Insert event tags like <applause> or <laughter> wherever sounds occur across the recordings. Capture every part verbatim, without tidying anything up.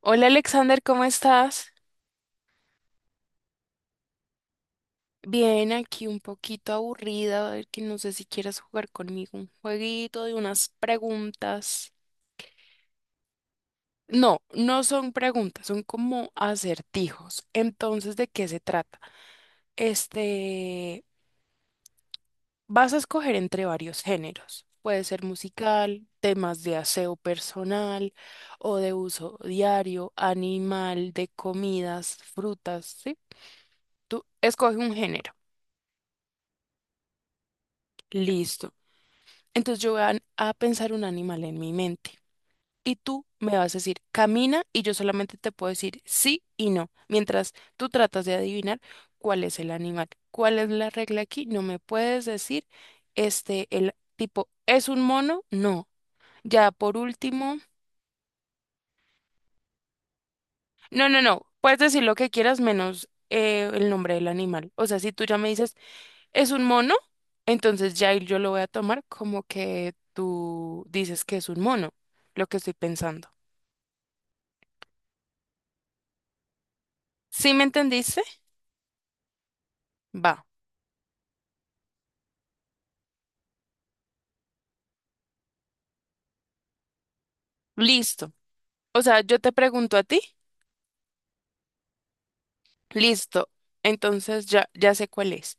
Hola Alexander, ¿cómo estás? Bien, aquí un poquito aburrida, a ver que no sé si quieres jugar conmigo un jueguito de unas preguntas. No, no son preguntas, son como acertijos. Entonces, ¿de qué se trata? Este, Vas a escoger entre varios géneros. Puede ser musical, temas de aseo personal o de uso diario, animal, de comidas, frutas, ¿sí? Tú escoge un género. Listo. Entonces yo voy a, a pensar un animal en mi mente y tú me vas a decir, camina, y yo solamente te puedo decir sí y no, mientras tú tratas de adivinar cuál es el animal. ¿Cuál es la regla aquí? No me puedes decir, este, el tipo, ¿es un mono? No. Ya por último, no, no, no, puedes decir lo que quieras menos eh, el nombre del animal. O sea, si tú ya me dices, ¿es un mono? Entonces ya ahí yo lo voy a tomar como que tú dices que es un mono, lo que estoy pensando. ¿Sí me entendiste? Va, listo. O sea, yo te pregunto a ti, listo. Entonces ya, ya sé cuál es.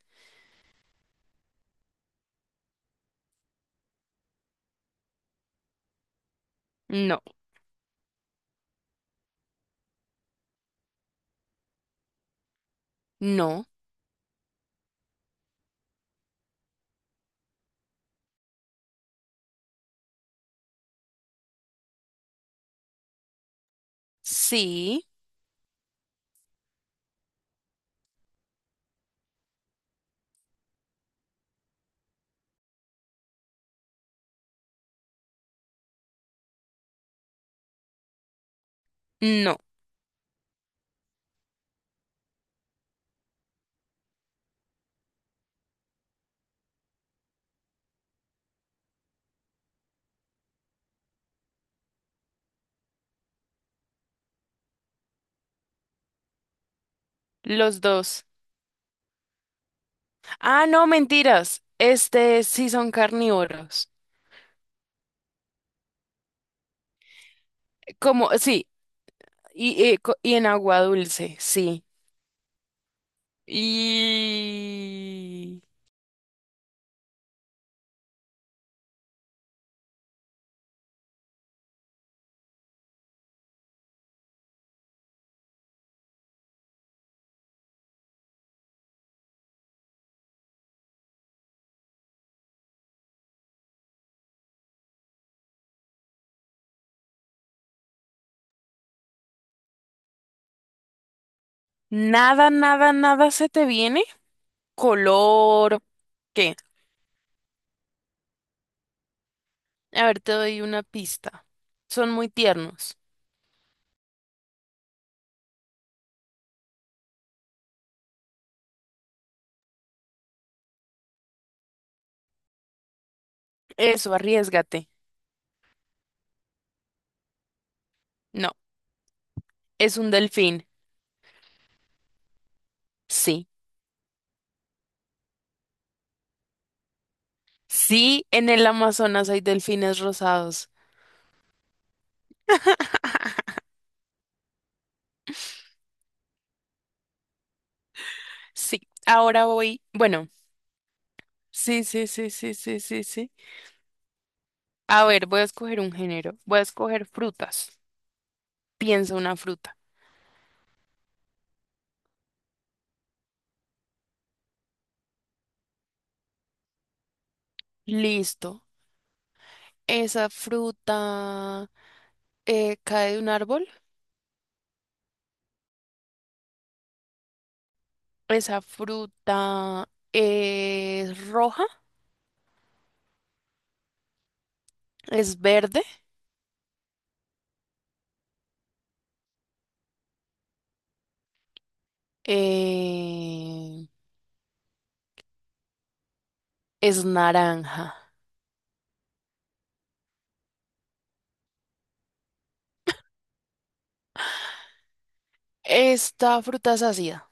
No, no, sí, no. Los dos. Ah, no, mentiras. Este sí son carnívoros. Como, sí, y, y co- y en agua dulce, sí. Y nada, nada, nada se te viene. Color, ¿qué? A ver, te doy una pista. Son muy tiernos. Eso, arriesgate. No, es un delfín. Sí. Sí, en el Amazonas hay delfines rosados. <laughs> Sí. Ahora voy. Bueno, sí, sí, sí, sí, sí, sí, sí. A ver, voy a escoger un género. Voy a escoger frutas. Piensa una fruta. Listo. Esa fruta eh, cae de un árbol. Esa fruta es roja, es verde, eh, es naranja. Esta fruta es ácida.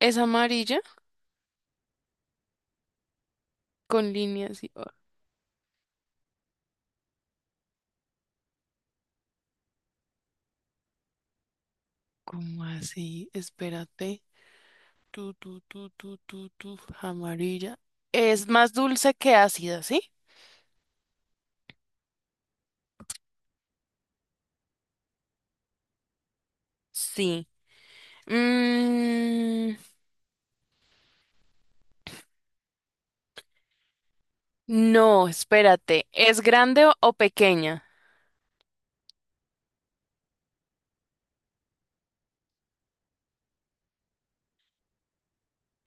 Es amarilla con líneas y... ah, ¿cómo así? Espérate. Tu, tu, tu, tu, tu, tu, amarilla. Es más dulce que ácida, ¿sí? Sí. Mm, no, espérate. ¿Es grande o, o pequeña?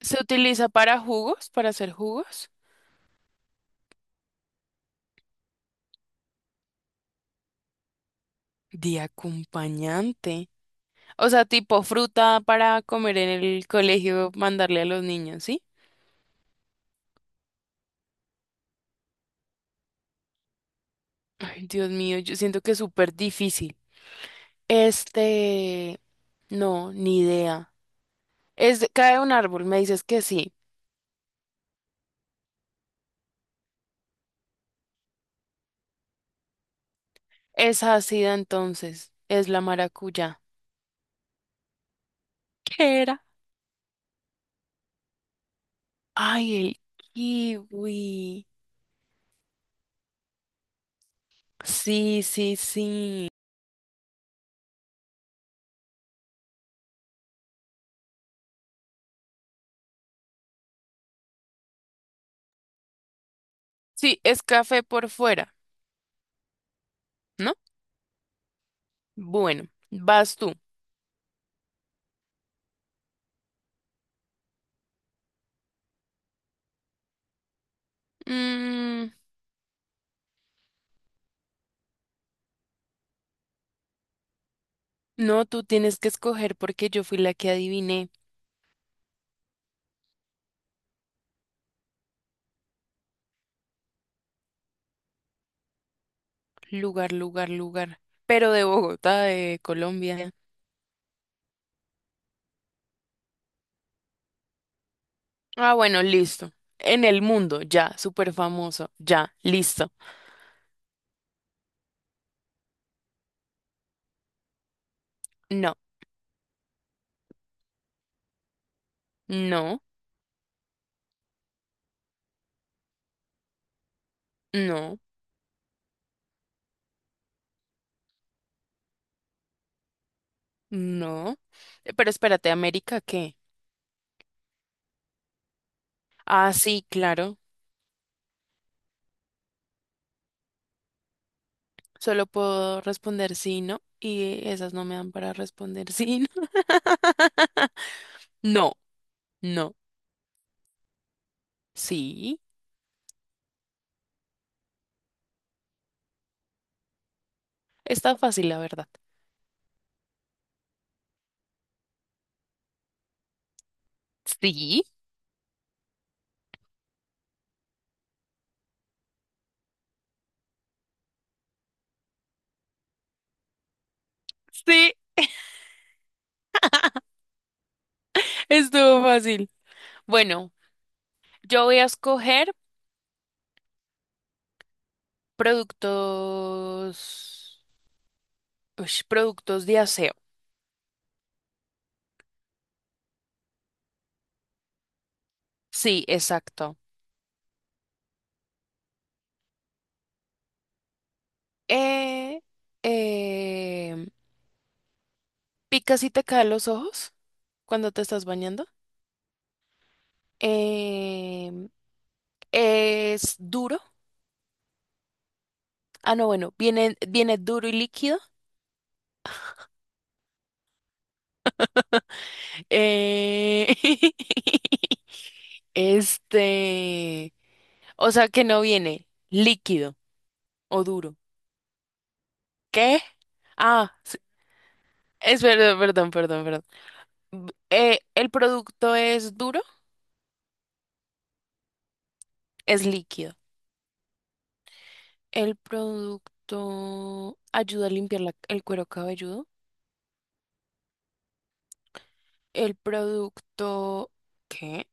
¿Se utiliza para jugos, para hacer jugos? De acompañante. O sea, tipo fruta para comer en el colegio, mandarle a los niños, ¿sí? Ay, Dios mío, yo siento que es súper difícil. Este, no, ni idea. Es, de- cae un árbol, me dices que sí. Es ácida entonces, es la maracuyá. ¿Qué era? Ay, el kiwi. Sí, sí, sí. Sí, es café por fuera, ¿no? Bueno, vas tú. Mm, no, tú tienes que escoger porque yo fui la que adiviné. Lugar, lugar, lugar. Pero de Bogotá, de Colombia. Ah, bueno, listo. En el mundo, ya, súper famoso, ya, listo. No, no, no, no. Eh, pero espérate, ¿América qué? Ah, sí, claro. Solo puedo responder sí, no. Y esas no me dan para responder sí, no. <laughs> No, no, sí. Está fácil, la verdad. Sí, sí, estuvo fácil. Bueno, yo voy a escoger productos, ush, productos de aseo. Sí, exacto. Eh, eh, picas y te caen los ojos cuando te estás bañando. Em, es duro. Ah, no, bueno, viene, viene duro y líquido. Eh, <laughs> este, o sea que no viene líquido o duro. ¿Qué? Ah, sí, es verdad, perdón, perdón, perdón. B- eh, el producto es duro, es líquido. El producto ayuda a limpiar la- el cuero cabelludo. El producto... ¿Qué?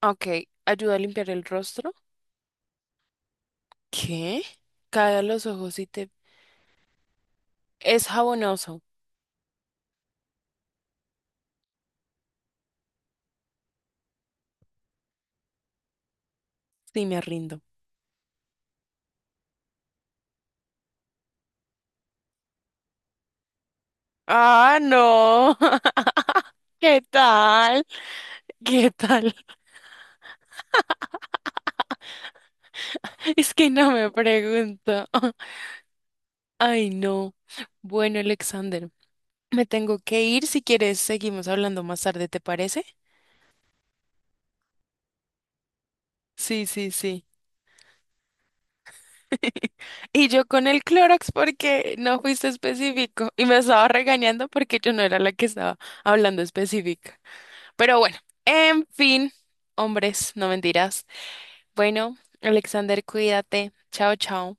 Ah, ok, ayuda a limpiar el rostro. ¿Qué? Cae a los ojos y te... es jabonoso. Sí, me rindo. Ah, no. <laughs> ¿Qué tal? ¿Qué tal? <laughs> Es que no me pregunto. <laughs> Ay, no. Bueno, Alexander, me tengo que ir. Si quieres, seguimos hablando más tarde, ¿te parece? Sí, sí, sí. <laughs> Y yo con el Clorox porque no fuiste específico y me estaba regañando porque yo no era la que estaba hablando específica. Pero bueno, en fin, hombres, no mentiras. Bueno, Alexander, cuídate. Chao, chao.